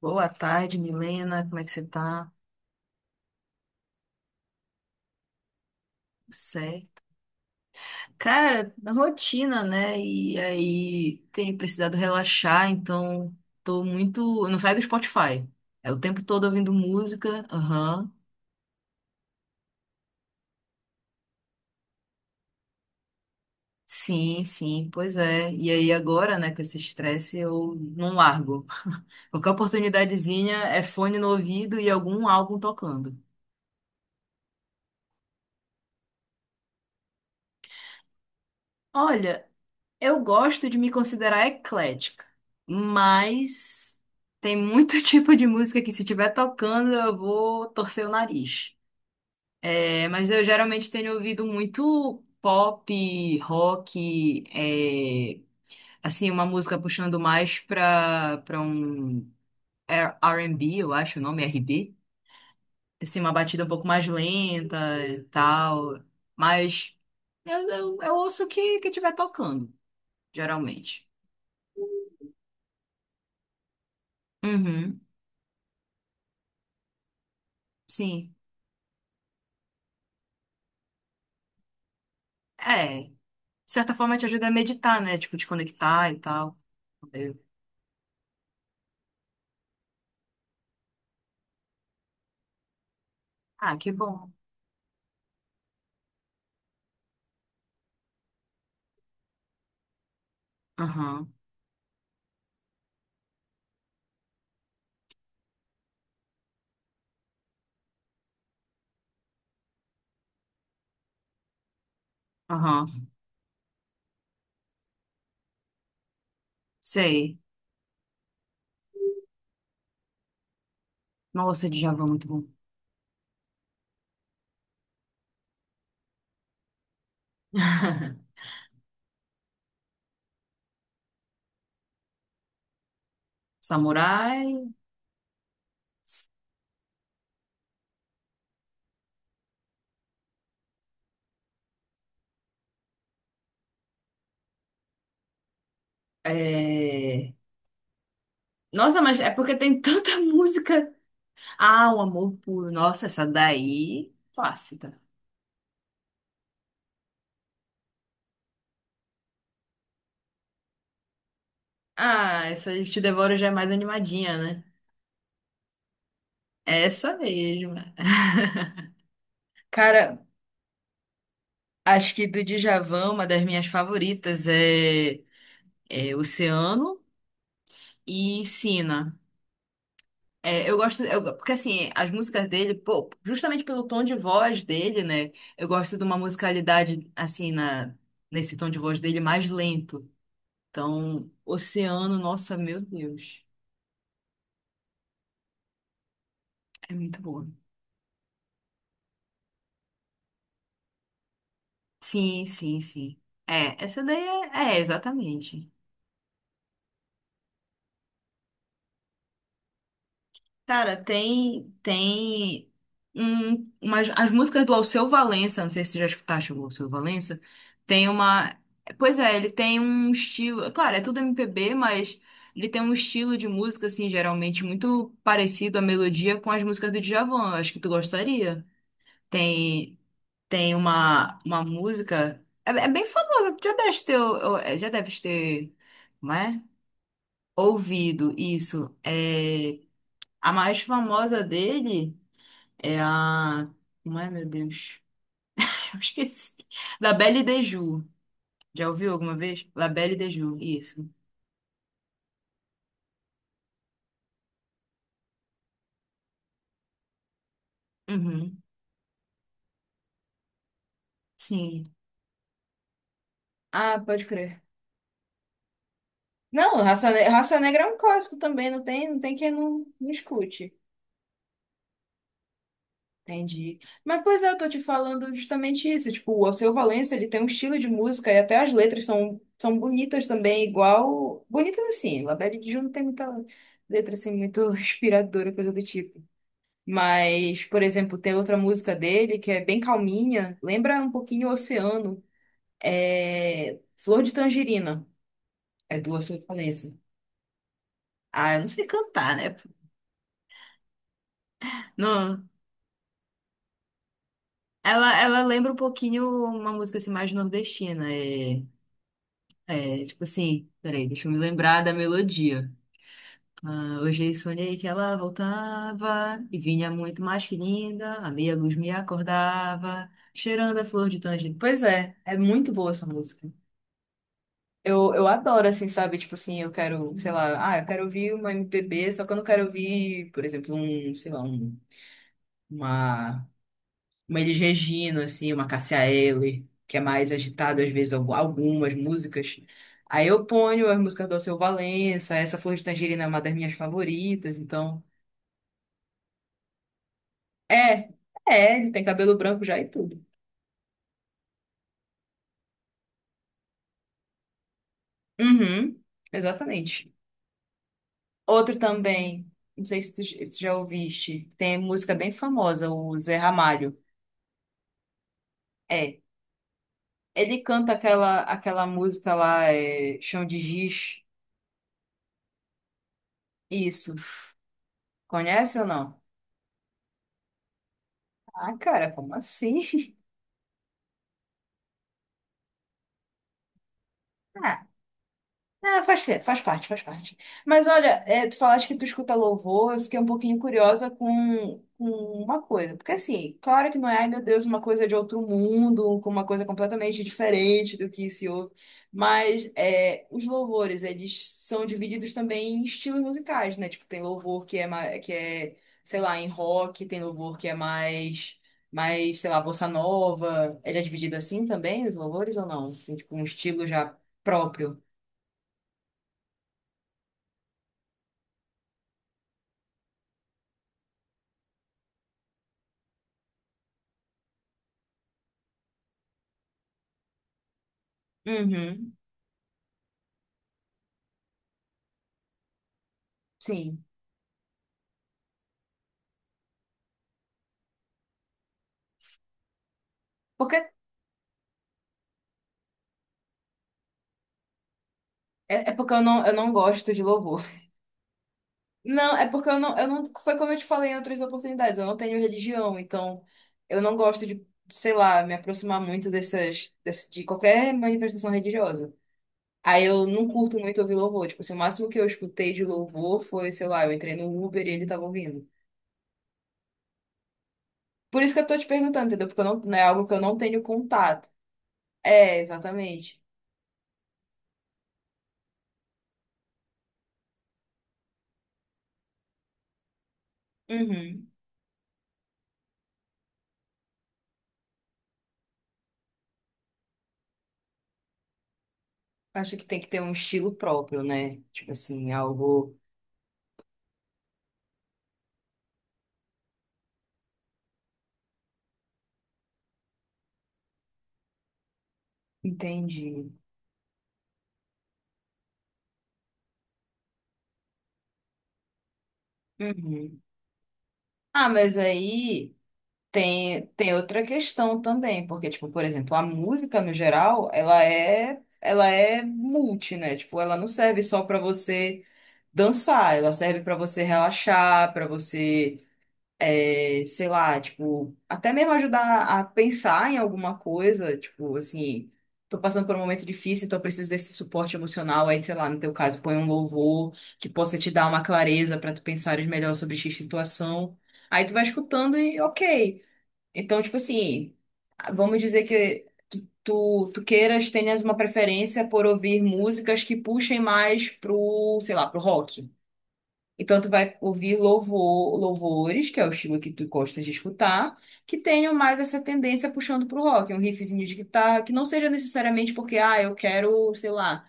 Boa tarde, Milena. Como é que você tá? Tudo certo. Cara, na rotina, né? E aí tenho precisado relaxar, então tô muito. Eu não saio do Spotify. É o tempo todo ouvindo música. Aham. Sim, sim, pois é. E aí agora, né, com esse estresse, eu não largo. Qualquer oportunidadezinha é fone no ouvido e algum álbum tocando. Olha, eu gosto de me considerar eclética, mas tem muito tipo de música que se estiver tocando eu vou torcer o nariz. É, mas eu geralmente tenho ouvido muito pop, rock, é, assim, uma música puxando mais pra um R&B, eu acho o nome, RB. Assim, uma batida um pouco mais lenta e tal. Mas eu ouço o que estiver tocando, geralmente. Uhum, sim. É, de certa forma te ajuda a meditar, né? Tipo, te conectar e tal. Eu- ah, que bom. Aham, aham. Sei. Nossa, Djavan, muito bom. Samurai. É... Nossa, mas é porque tem tanta música. Ah, o amor puro. Nossa, essa daí. Clássica. Ah, essa Eu Te Devoro já é mais animadinha, né? Essa mesmo. Cara, acho que do Djavan, uma das minhas favoritas é Oceano. E ensina. É, eu gosto, eu- porque assim, as músicas dele, pô, justamente pelo tom de voz dele, né? Eu gosto de uma musicalidade, assim, na, nesse tom de voz dele mais lento. Então, Oceano, nossa, meu Deus. É muito boa. Sim, sim, sim. É, essa daí é, é, exatamente. Cara, tem um, umas, as músicas do Alceu Valença, não sei se você já escutaste o Alceu Valença, tem uma, pois é, ele tem um estilo, claro, é tudo MPB, mas ele tem um estilo de música, assim, geralmente muito parecido a melodia com as músicas do Djavan, eu acho que tu gostaria. Tem, tem uma música, é, é bem famosa, já deve ter, ou- é, já deve ter, não é? Ouvido, isso, é... A mais famosa dele. É a. Como é, meu Deus? Eu esqueci. La Belle de Jour. Já ouviu alguma vez? La Belle de Jour, isso. Uhum. Sim. Ah, pode crer. Não, Raça, Ne- Raça Negra é um clássico também, não tem, não tem quem não, não escute. Entendi. Mas, pois é, eu tô te falando justamente isso. Tipo, o Alceu Valença, ele tem um estilo de música e até as letras são, são bonitas também, igual... Bonitas assim, La Belle de Jour não tem muita letra assim, muito inspiradora, coisa do tipo. Mas, por exemplo, tem outra música dele que é bem calminha, lembra um pouquinho o Oceano. É Flor de Tangerina, é do Alceu Valença. Ah, eu não sei cantar, né? Não. Ela lembra um pouquinho uma música assim, mais nordestina. É, é, tipo assim, peraí, deixa eu me lembrar da melodia. Ah, hoje sonhei que ela voltava e vinha muito mais que linda. A meia luz me acordava, cheirando a flor de tangerina. Pois é, é muito boa essa música. Eu adoro, assim, sabe? Tipo assim, eu quero, sei lá, ah, eu quero ouvir uma MPB, só que eu não quero ouvir, por exemplo, um, sei lá, um, uma, uma Elis Regina, assim, uma Cássia Eller, que é mais agitado, às vezes, algu- algumas músicas. Aí eu ponho as músicas do Alceu Valença, essa Flor de Tangerina é uma das minhas favoritas, então. É, é, ele tem cabelo branco já e tudo. Uhum, exatamente. Outro também, não sei se tu, se tu já ouviste, tem música bem famosa, o Zé Ramalho. É, ele canta aquela, aquela música lá, é, Chão de Giz. Isso. Conhece ou não? Ah, cara, como assim? Ah, ah, faz, ser- faz parte, faz parte. Mas olha, é, tu falaste que tu escuta louvor, eu fiquei um pouquinho curiosa com uma coisa. Porque assim, claro que não é, ai meu Deus, uma coisa de outro mundo, com uma coisa completamente diferente do que se ouve. Mas é, os louvores, eles são divididos também em estilos musicais, né? Tipo, tem louvor que é, ma- que é, sei lá, em rock, tem louvor que é mais, mais, sei lá, bossa nova. Ele é dividido assim também, os louvores, ou não? Tem tipo um estilo já próprio. Uhum, sim. Porque é, é porque eu não gosto de louvor. Não, é porque eu não, eu não. Foi como eu te falei em outras oportunidades, eu não tenho religião, então eu não gosto de, sei lá, me aproximar muito dessas, desse- de qualquer manifestação religiosa. Aí eu não curto muito ouvir louvor. Tipo, assim, o máximo que eu escutei de louvor foi, sei lá, eu entrei no Uber e ele tava ouvindo. Por isso que eu tô te perguntando, entendeu? Porque eu não, não é algo que eu não tenho contato. É, exatamente. Uhum. Acho que tem que ter um estilo próprio, né? Tipo assim, algo. Entendi. Uhum. Ah, mas aí tem, tem outra questão também, porque, tipo, por exemplo, a música no geral, ela é multi, né? Tipo, ela não serve só pra você dançar, ela serve pra você relaxar, pra você é, sei lá, tipo, até mesmo ajudar a pensar em alguma coisa, tipo, assim, tô passando por um momento difícil, então eu preciso desse suporte emocional, aí, sei lá, no teu caso, põe um louvor que possa te dar uma clareza pra tu pensares melhor sobre X situação. Aí tu vai escutando e ok. Então, tipo assim, vamos dizer que tu queiras, tenhas uma preferência por ouvir músicas que puxem mais pro, sei lá, pro rock. Então, tu vai ouvir louvor, louvores, que é o estilo que tu gosta de escutar, que tenham mais essa tendência puxando pro rock, um riffzinho de guitarra, que não seja necessariamente porque, ah, eu quero, sei lá,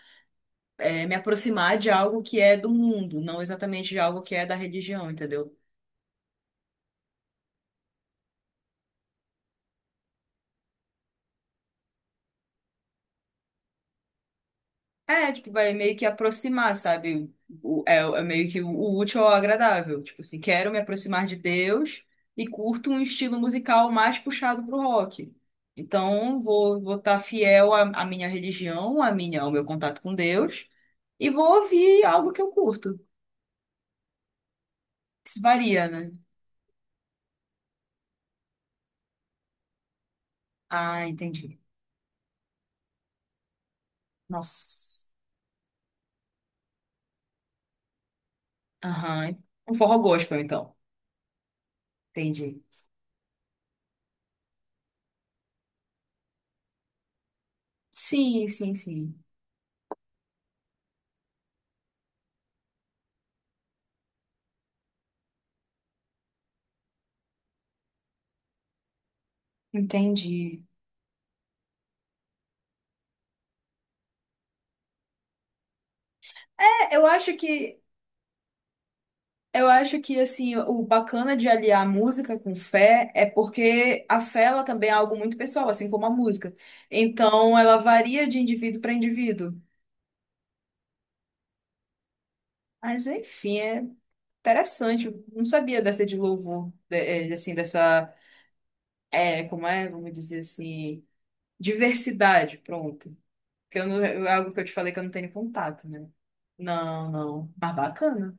eh, me aproximar de algo que é do mundo, não exatamente de algo que é da religião, entendeu? É, tipo, vai meio que aproximar, sabe? O- é, é meio que o útil ao agradável. Tipo assim, quero me aproximar de Deus e curto um estilo musical mais puxado pro rock. Então, vou estar fiel à, à minha religião, à minha, ao meu contato com Deus e vou ouvir algo que eu curto. Isso varia, né? Ah, entendi. Nossa. Aham. Um forró gospel, então. Entendi. Sim, sim, sim. Entendi. É, eu acho que eu acho que assim, o bacana de aliar música com fé é porque a fé ela também é algo muito pessoal, assim como a música. Então, ela varia de indivíduo para indivíduo. Mas enfim, é interessante. Eu não sabia dessa de louvor, de- eh, assim, dessa, é, como é, vamos dizer assim, diversidade, pronto. Porque eu não, é algo que eu te falei que eu não tenho contato, né? Não, não. Mas bacana.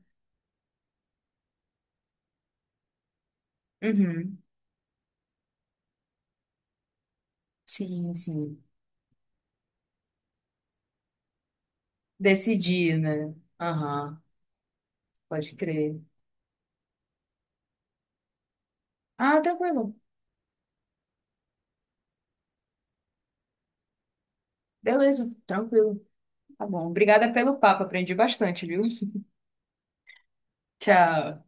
Uhum. Sim, sim. Decidir, né? Aham. Pode crer. Ah, tranquilo. Beleza, tranquilo. Tá bom. Obrigada pelo papo, aprendi bastante, viu? Tchau.